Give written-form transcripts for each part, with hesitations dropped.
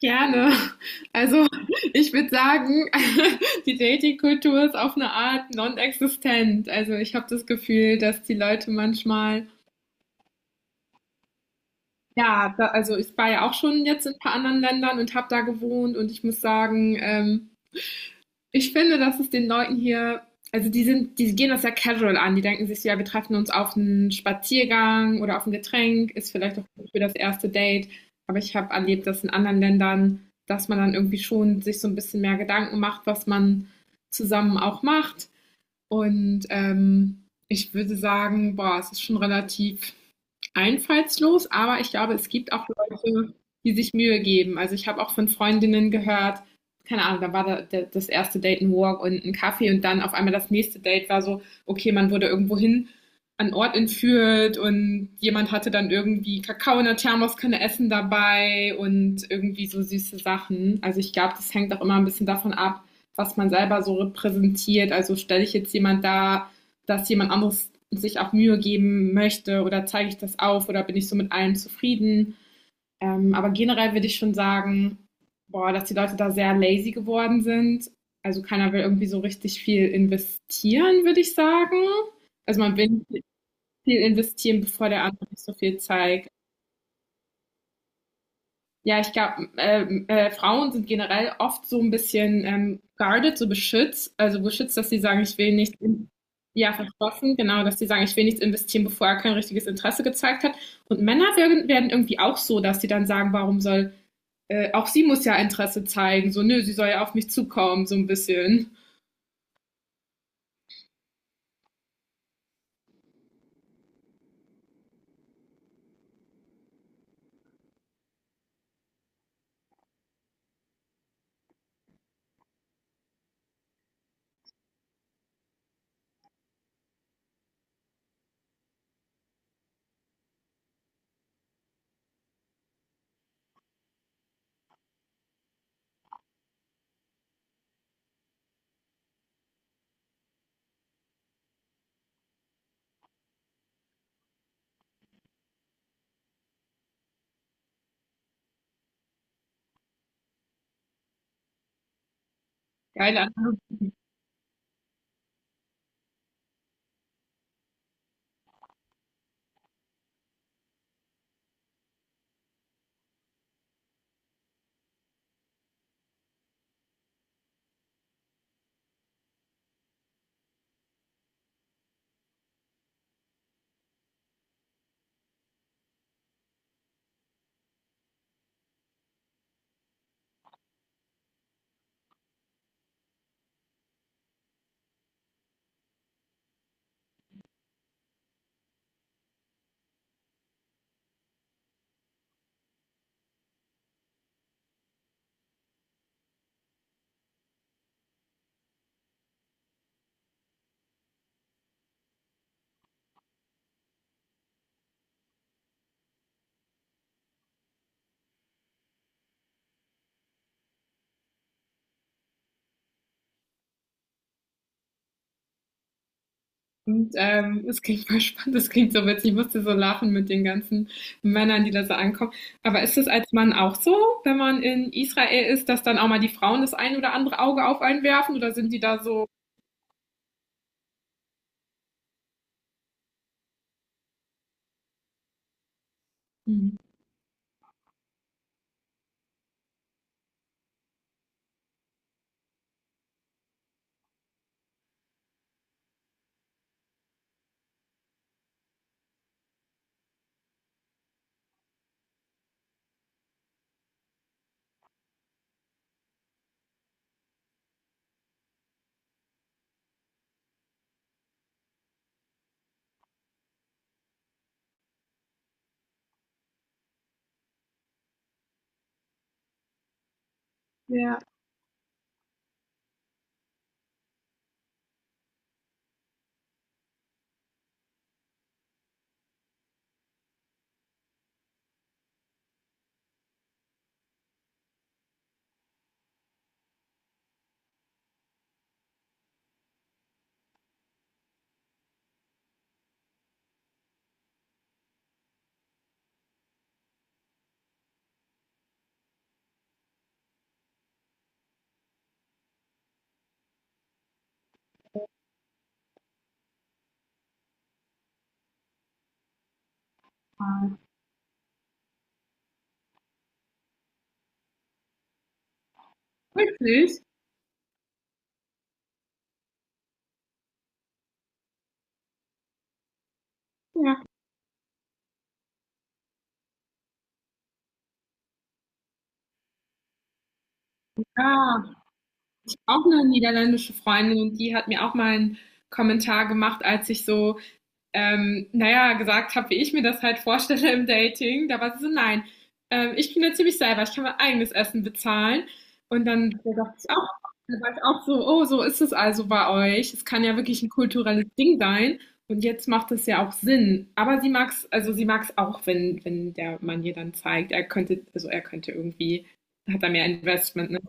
Gerne. Also ich würde sagen, die Dating-Kultur ist auf eine Art non-existent. Also ich habe das Gefühl, dass die Leute manchmal, ja, da, also ich war ja auch schon jetzt in ein paar anderen Ländern und habe da gewohnt und ich muss sagen, ich finde, dass es den Leuten hier, also die sind, die gehen das ja casual an. Die denken sich so, ja, wir treffen uns auf einen Spaziergang oder auf ein Getränk, ist vielleicht auch gut für das erste Date. Aber ich habe erlebt, dass in anderen Ländern, dass man dann irgendwie schon sich so ein bisschen mehr Gedanken macht, was man zusammen auch macht. Und ich würde sagen, boah, es ist schon relativ einfallslos, aber ich glaube, es gibt auch Leute, die sich Mühe geben. Also ich habe auch von Freundinnen gehört, keine Ahnung, da war da, da, das erste Date ein Walk und ein Kaffee und dann auf einmal das nächste Date war so, okay, man wurde irgendwo hin an Ort entführt und jemand hatte dann irgendwie Kakao in der Thermoskanne Essen dabei und irgendwie so süße Sachen. Also ich glaube, das hängt auch immer ein bisschen davon ab, was man selber so repräsentiert. Also stelle ich jetzt jemand da, dass jemand anderes sich auch Mühe geben möchte oder zeige ich das auf oder bin ich so mit allem zufrieden. Aber generell würde ich schon sagen, boah, dass die Leute da sehr lazy geworden sind. Also keiner will irgendwie so richtig viel investieren, würde ich sagen. Also man will viel investieren, bevor der andere nicht so viel zeigt. Ja, ich glaube, Frauen sind generell oft so ein bisschen guarded, so beschützt, also beschützt, dass sie sagen, ich will nicht, in, ja, verschlossen, genau, dass sie sagen, ich will nichts investieren, bevor er kein richtiges Interesse gezeigt hat. Und Männer werden irgendwie auch so, dass sie dann sagen, warum soll, auch sie muss ja Interesse zeigen, so, nö, sie soll ja auf mich zukommen, so ein bisschen. Geile Analogie. Und es klingt voll spannend, es klingt so witzig. Ich musste so lachen mit den ganzen Männern, die da so ankommen. Aber ist es als Mann auch so, wenn man in Israel ist, dass dann auch mal die Frauen das ein oder andere Auge auf einen werfen? Oder sind die da so? Mhm. Ja, wirklich? Ja. Ah, auch eine niederländische Freundin und die hat mir auch mal einen Kommentar gemacht, als ich so naja, gesagt habe, wie ich mir das halt vorstelle im Dating. Da war sie so, nein, ich bin ja ziemlich selber, ich kann mein eigenes Essen bezahlen. Und dann dachte ich auch, da war ich auch so, oh, so ist es also bei euch. Es kann ja wirklich ein kulturelles Ding sein. Und jetzt macht es ja auch Sinn. Aber sie mag es, also sie mag es auch, wenn, wenn der Mann ihr dann zeigt, er könnte, also er könnte irgendwie, hat er mehr Investment, ne?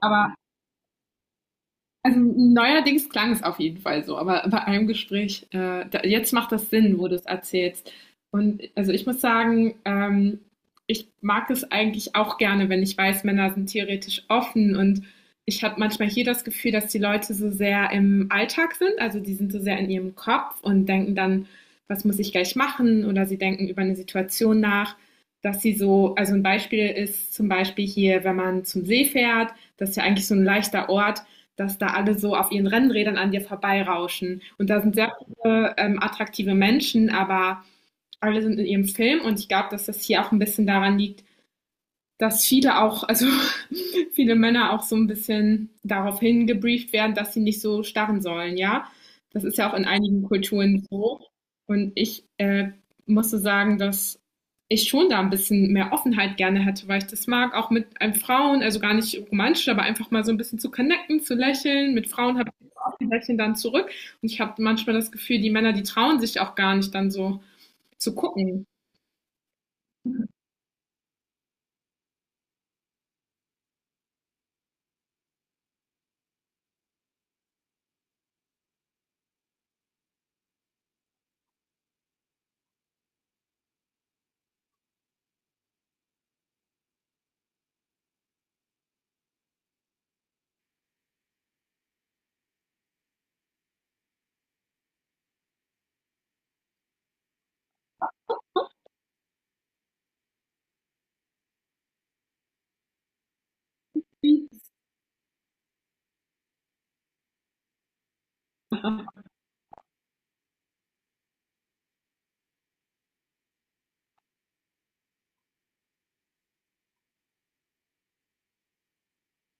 Aber also neuerdings klang es auf jeden Fall so, aber bei einem Gespräch, da, jetzt macht das Sinn, wo du es erzählst. Und also ich muss sagen, ich mag es eigentlich auch gerne, wenn ich weiß, Männer sind theoretisch offen und ich habe manchmal hier das Gefühl, dass die Leute so sehr im Alltag sind, also die sind so sehr in ihrem Kopf und denken dann, was muss ich gleich machen oder sie denken über eine Situation nach, dass sie so, also ein Beispiel ist zum Beispiel hier, wenn man zum See fährt, das ist ja eigentlich so ein leichter Ort, dass da alle so auf ihren Rennrädern an dir vorbeirauschen. Und da sind sehr viele attraktive Menschen, aber alle sind in ihrem Film und ich glaube, dass das hier auch ein bisschen daran liegt, dass viele auch, also viele Männer auch so ein bisschen darauf hingebrieft werden, dass sie nicht so starren sollen, ja. Das ist ja auch in einigen Kulturen so. Und ich musste sagen, dass ich schon da ein bisschen mehr Offenheit gerne hätte, weil ich das mag, auch mit einem Frauen, also gar nicht romantisch, aber einfach mal so ein bisschen zu connecten, zu lächeln. Mit Frauen habe ich auch die Lächeln dann zurück. Und ich habe manchmal das Gefühl, die Männer, die trauen sich auch gar nicht dann so zu gucken.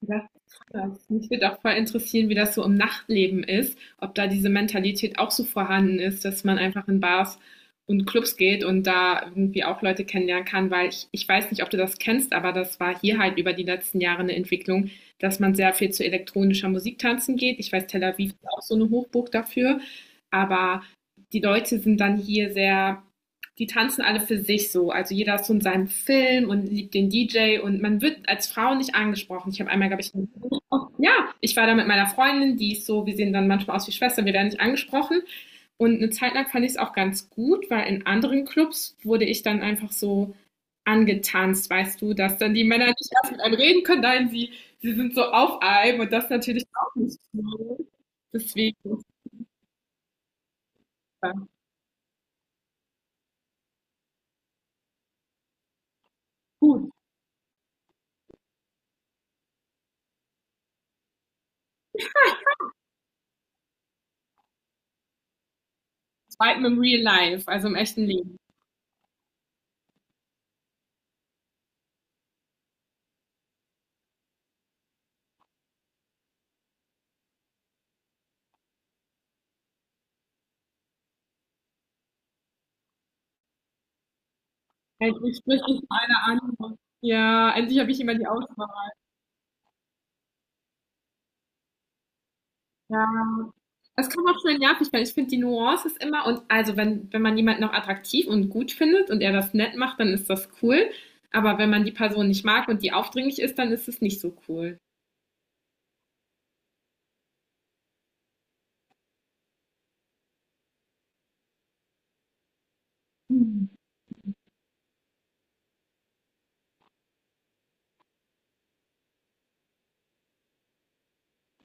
Das ist krass. Mich würde auch voll interessieren, wie das so im Nachtleben ist, ob da diese Mentalität auch so vorhanden ist, dass man einfach in Bars und Clubs geht und da irgendwie auch Leute kennenlernen kann, weil ich weiß nicht, ob du das kennst, aber das war hier halt über die letzten Jahre eine Entwicklung, dass man sehr viel zu elektronischer Musik tanzen geht. Ich weiß, Tel Aviv ist auch so eine Hochburg dafür, aber die Leute sind dann hier sehr die tanzen alle für sich so. Also jeder ist so in seinem Film und liebt den DJ und man wird als Frau nicht angesprochen. Ich habe einmal, glaube ich, ja, ich war da mit meiner Freundin, die ist so, wir sehen dann manchmal aus wie Schwestern, wir werden nicht angesprochen. Und eine Zeit lang fand ich es auch ganz gut, weil in anderen Clubs wurde ich dann einfach so angetanzt, weißt du, dass dann die Männer nicht erst mit einem reden können, nein, sie sind so auf einem und das natürlich auch nicht so. Deswegen ist es dann gut. Zweitens im Real Life, also im echten Leben. Endlich spricht dich mal einer an. Ja, endlich habe ich immer die Auswahl. Ja. Das kann auch schön nervig werden. Ich finde, die Nuance ist immer, und also wenn, wenn man jemanden noch attraktiv und gut findet und er das nett macht, dann ist das cool. Aber wenn man die Person nicht mag und die aufdringlich ist, dann ist es nicht so cool. Mhm.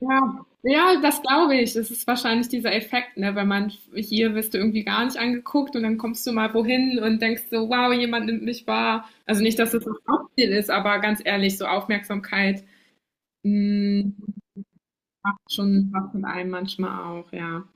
Ja, ja, das glaube ich. Das ist wahrscheinlich dieser Effekt, ne? Wenn man hier wirst du irgendwie gar nicht angeguckt und dann kommst du mal wohin und denkst so, wow, jemand nimmt mich wahr. Also nicht, dass das das Hauptziel ist, aber ganz ehrlich, so Aufmerksamkeit. Hm, macht schon was mit einem manchmal auch, ja.